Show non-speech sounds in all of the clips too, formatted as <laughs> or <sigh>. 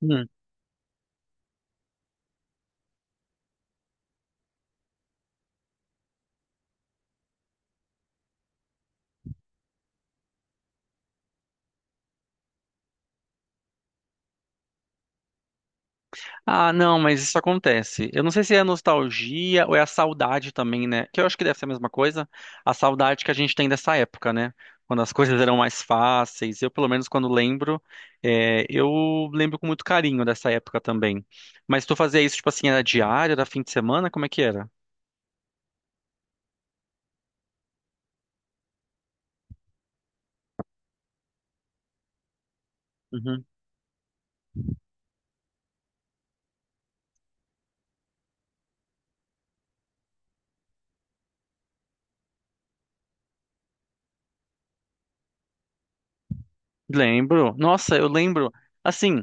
Hum. Ah, não, mas isso acontece. Eu não sei se é a nostalgia ou é a saudade também, né? Que eu acho que deve ser a mesma coisa. A saudade que a gente tem dessa época, né? Quando as <laughs> coisas eram mais fáceis. Eu, pelo menos, quando lembro, eu lembro com muito carinho dessa época também. Mas tu fazia isso, tipo assim, era diário, era fim de semana? Como é que era? Uhum. Lembro. Nossa, eu lembro. Assim.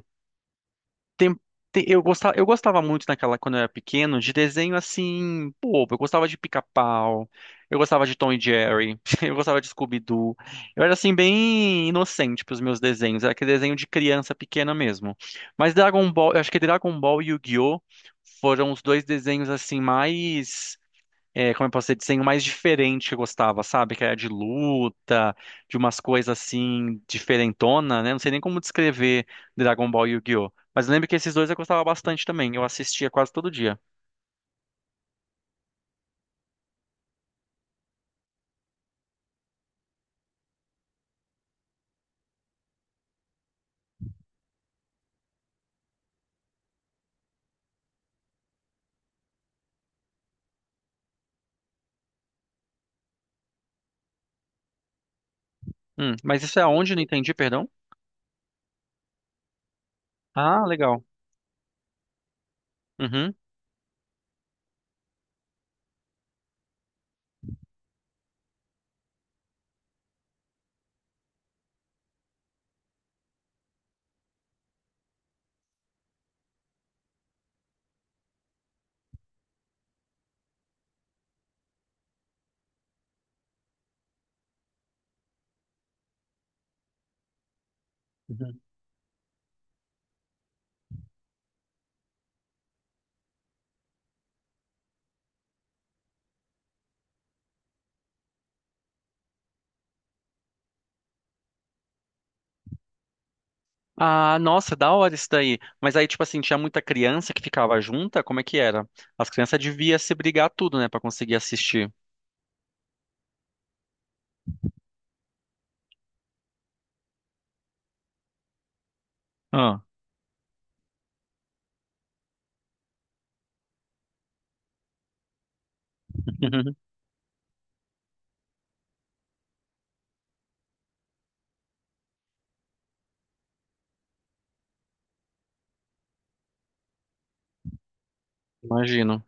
tem- eu gostava muito naquela, quando eu era pequeno, de desenho assim, pô, eu gostava de Pica-Pau, eu gostava de Tom e Jerry, <laughs> eu gostava de Scooby-Doo. Eu era assim, bem inocente pros meus desenhos, era aquele desenho de criança pequena mesmo. Mas Dragon Ball, eu acho que Dragon Ball e Yu-Gi-Oh! Foram os dois desenhos assim mais como eu posso dizer, desenho mais diferente que eu gostava, sabe? Que era de luta, de umas coisas assim, diferentona, né? Não sei nem como descrever Dragon Ball e Yu-Gi-Oh! Mas eu lembro que esses dois eu gostava bastante também, eu assistia quase todo dia. Mas isso é aonde? Não entendi, perdão? Ah, legal. Uhum. Uhum. Ah, nossa, da hora isso daí. Mas aí, tipo assim, tinha muita criança que ficava junta? Como é que era? As crianças deviam se brigar tudo, né, pra conseguir assistir. Ah, <laughs> imagino.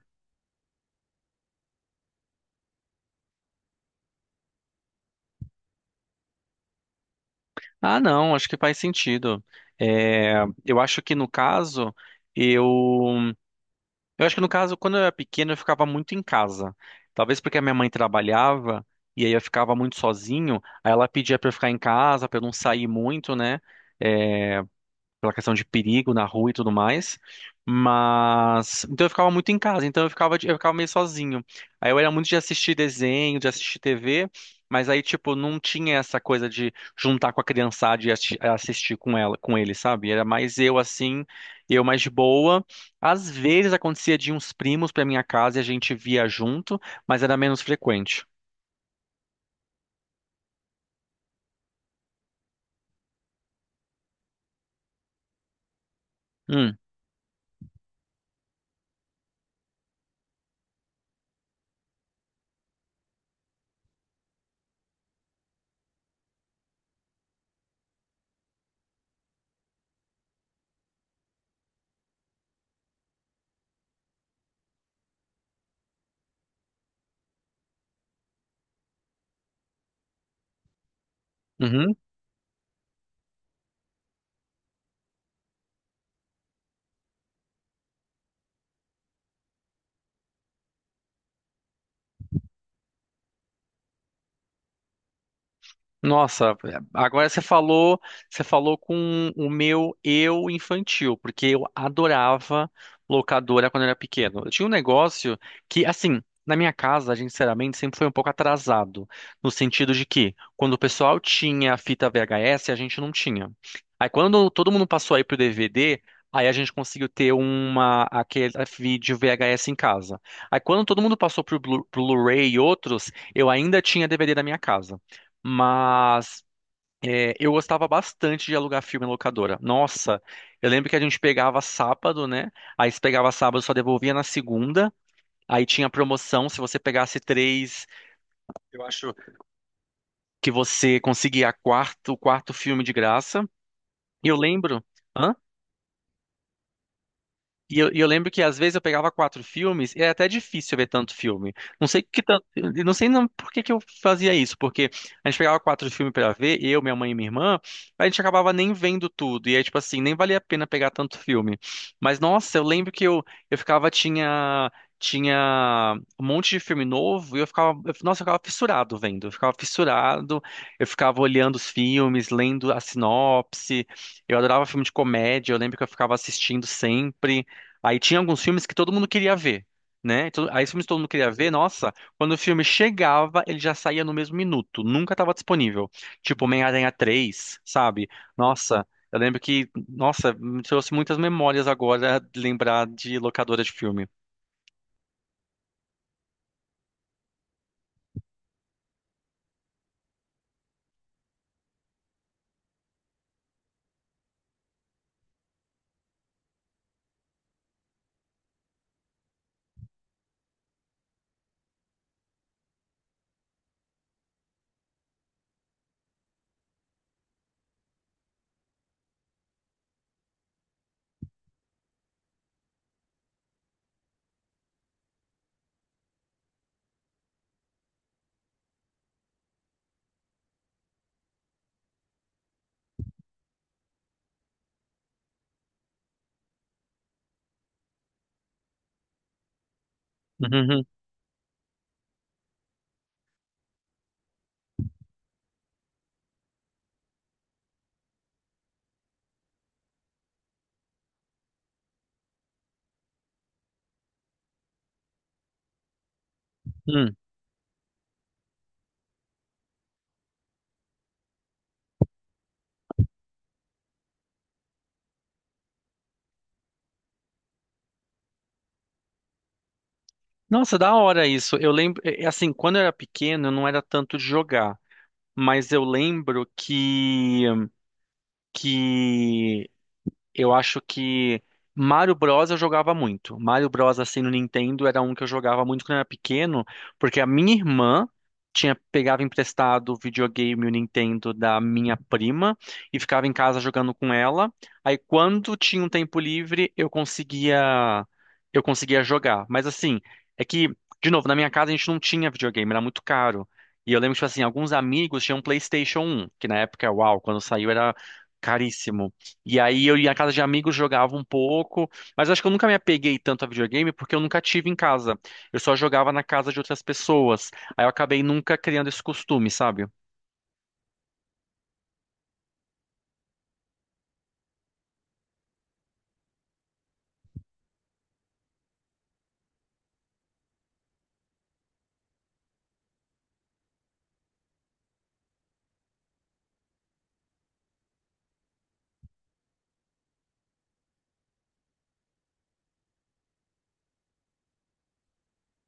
Ah, não, acho que faz sentido. É, eu acho que no caso, eu, eu acho que no caso, quando eu era pequeno, eu ficava muito em casa. Talvez porque a minha mãe trabalhava e aí eu ficava muito sozinho, aí ela pedia pra eu ficar em casa, pra eu não sair muito, né? Pela questão de perigo na rua e tudo mais. Mas então eu ficava muito em casa, então eu ficava meio sozinho. Aí eu era muito de assistir desenho, de assistir TV, mas aí tipo não tinha essa coisa de juntar com a criançada e assistir com ela, com ele, sabe? Era mais eu assim, eu mais de boa. Às vezes acontecia de uns primos pra minha casa e a gente via junto, mas era menos frequente. Hum, uhum. Nossa, agora você falou com o meu eu infantil, porque eu adorava locadora quando eu era pequeno. Eu tinha um negócio que, assim, na minha casa, a gente sinceramente sempre foi um pouco atrasado, no sentido de que quando o pessoal tinha a fita VHS, a gente não tinha. Aí quando todo mundo passou aí pro DVD, aí a gente conseguiu ter uma, aquele vídeo VHS em casa. Aí quando todo mundo passou pro Blu-ray e outros, eu ainda tinha DVD na minha casa. Mas eu gostava bastante de alugar filme em locadora. Nossa, eu lembro que a gente pegava sábado, né? Aí se pegava sábado, só devolvia na segunda. Aí tinha promoção, se você pegasse três, eu acho que você conseguia quarto, o quarto filme de graça. E eu lembro. Hã? E eu lembro que às vezes eu pegava quatro filmes, e era até difícil ver tanto filme. Não sei que tanto, eu não sei não por que que eu fazia isso, porque a gente pegava quatro filmes pra ver, eu, minha mãe e minha irmã, a gente acabava nem vendo tudo. E aí, tipo assim, nem valia a pena pegar tanto filme. Mas nossa, eu lembro que eu ficava, tinha, tinha um monte de filme novo, e nossa, eu ficava fissurado vendo. Eu ficava fissurado, eu ficava olhando os filmes, lendo a sinopse. Eu adorava filme de comédia, eu lembro que eu ficava assistindo sempre. Aí tinha alguns filmes que todo mundo queria ver, né? Aí os filmes que todo mundo queria ver, nossa, quando o filme chegava, ele já saía no mesmo minuto, nunca estava disponível. Tipo Homem-Aranha 3, sabe? Nossa, eu lembro que, nossa, me trouxe muitas memórias agora de lembrar de locadora de filme. Uhum, uhum. Nossa, da hora isso. Eu lembro, é assim, quando eu era pequeno, eu não era tanto de jogar, mas eu lembro que eu acho que Mario Bros eu jogava muito. Mario Bros assim no Nintendo era um que eu jogava muito quando eu era pequeno, porque a minha irmã tinha pegava emprestado o videogame e o Nintendo da minha prima e ficava em casa jogando com ela. Aí quando tinha um tempo livre, eu conseguia jogar. Mas assim, é que de novo, na minha casa a gente não tinha videogame, era muito caro. E eu lembro que, tipo assim, alguns amigos tinham PlayStation um que na época, uau, quando saiu era caríssimo. E aí eu ia à casa de amigos, jogava um pouco, mas acho que eu nunca me apeguei tanto a videogame porque eu nunca tive em casa. Eu só jogava na casa de outras pessoas. Aí eu acabei nunca criando esse costume, sabe?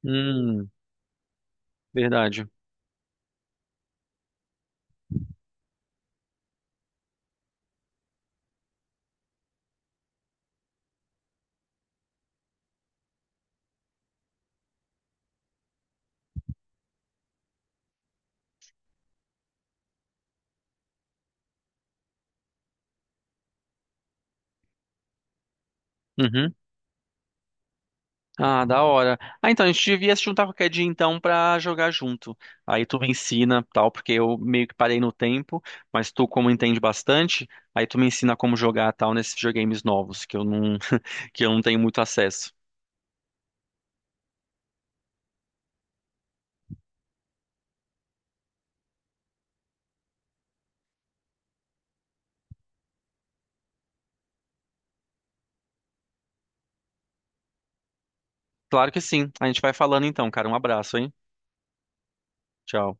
Hum, verdade. Uhum. Ah, da hora. Ah, então a gente devia se juntar qualquer dia então pra jogar junto. Aí tu me ensina, tal, porque eu meio que parei no tempo, mas tu como entende bastante, aí tu me ensina como jogar tal nesses videogames novos que eu não <laughs> que eu não tenho muito acesso. Claro que sim. A gente vai falando então, cara. Um abraço, hein? Tchau.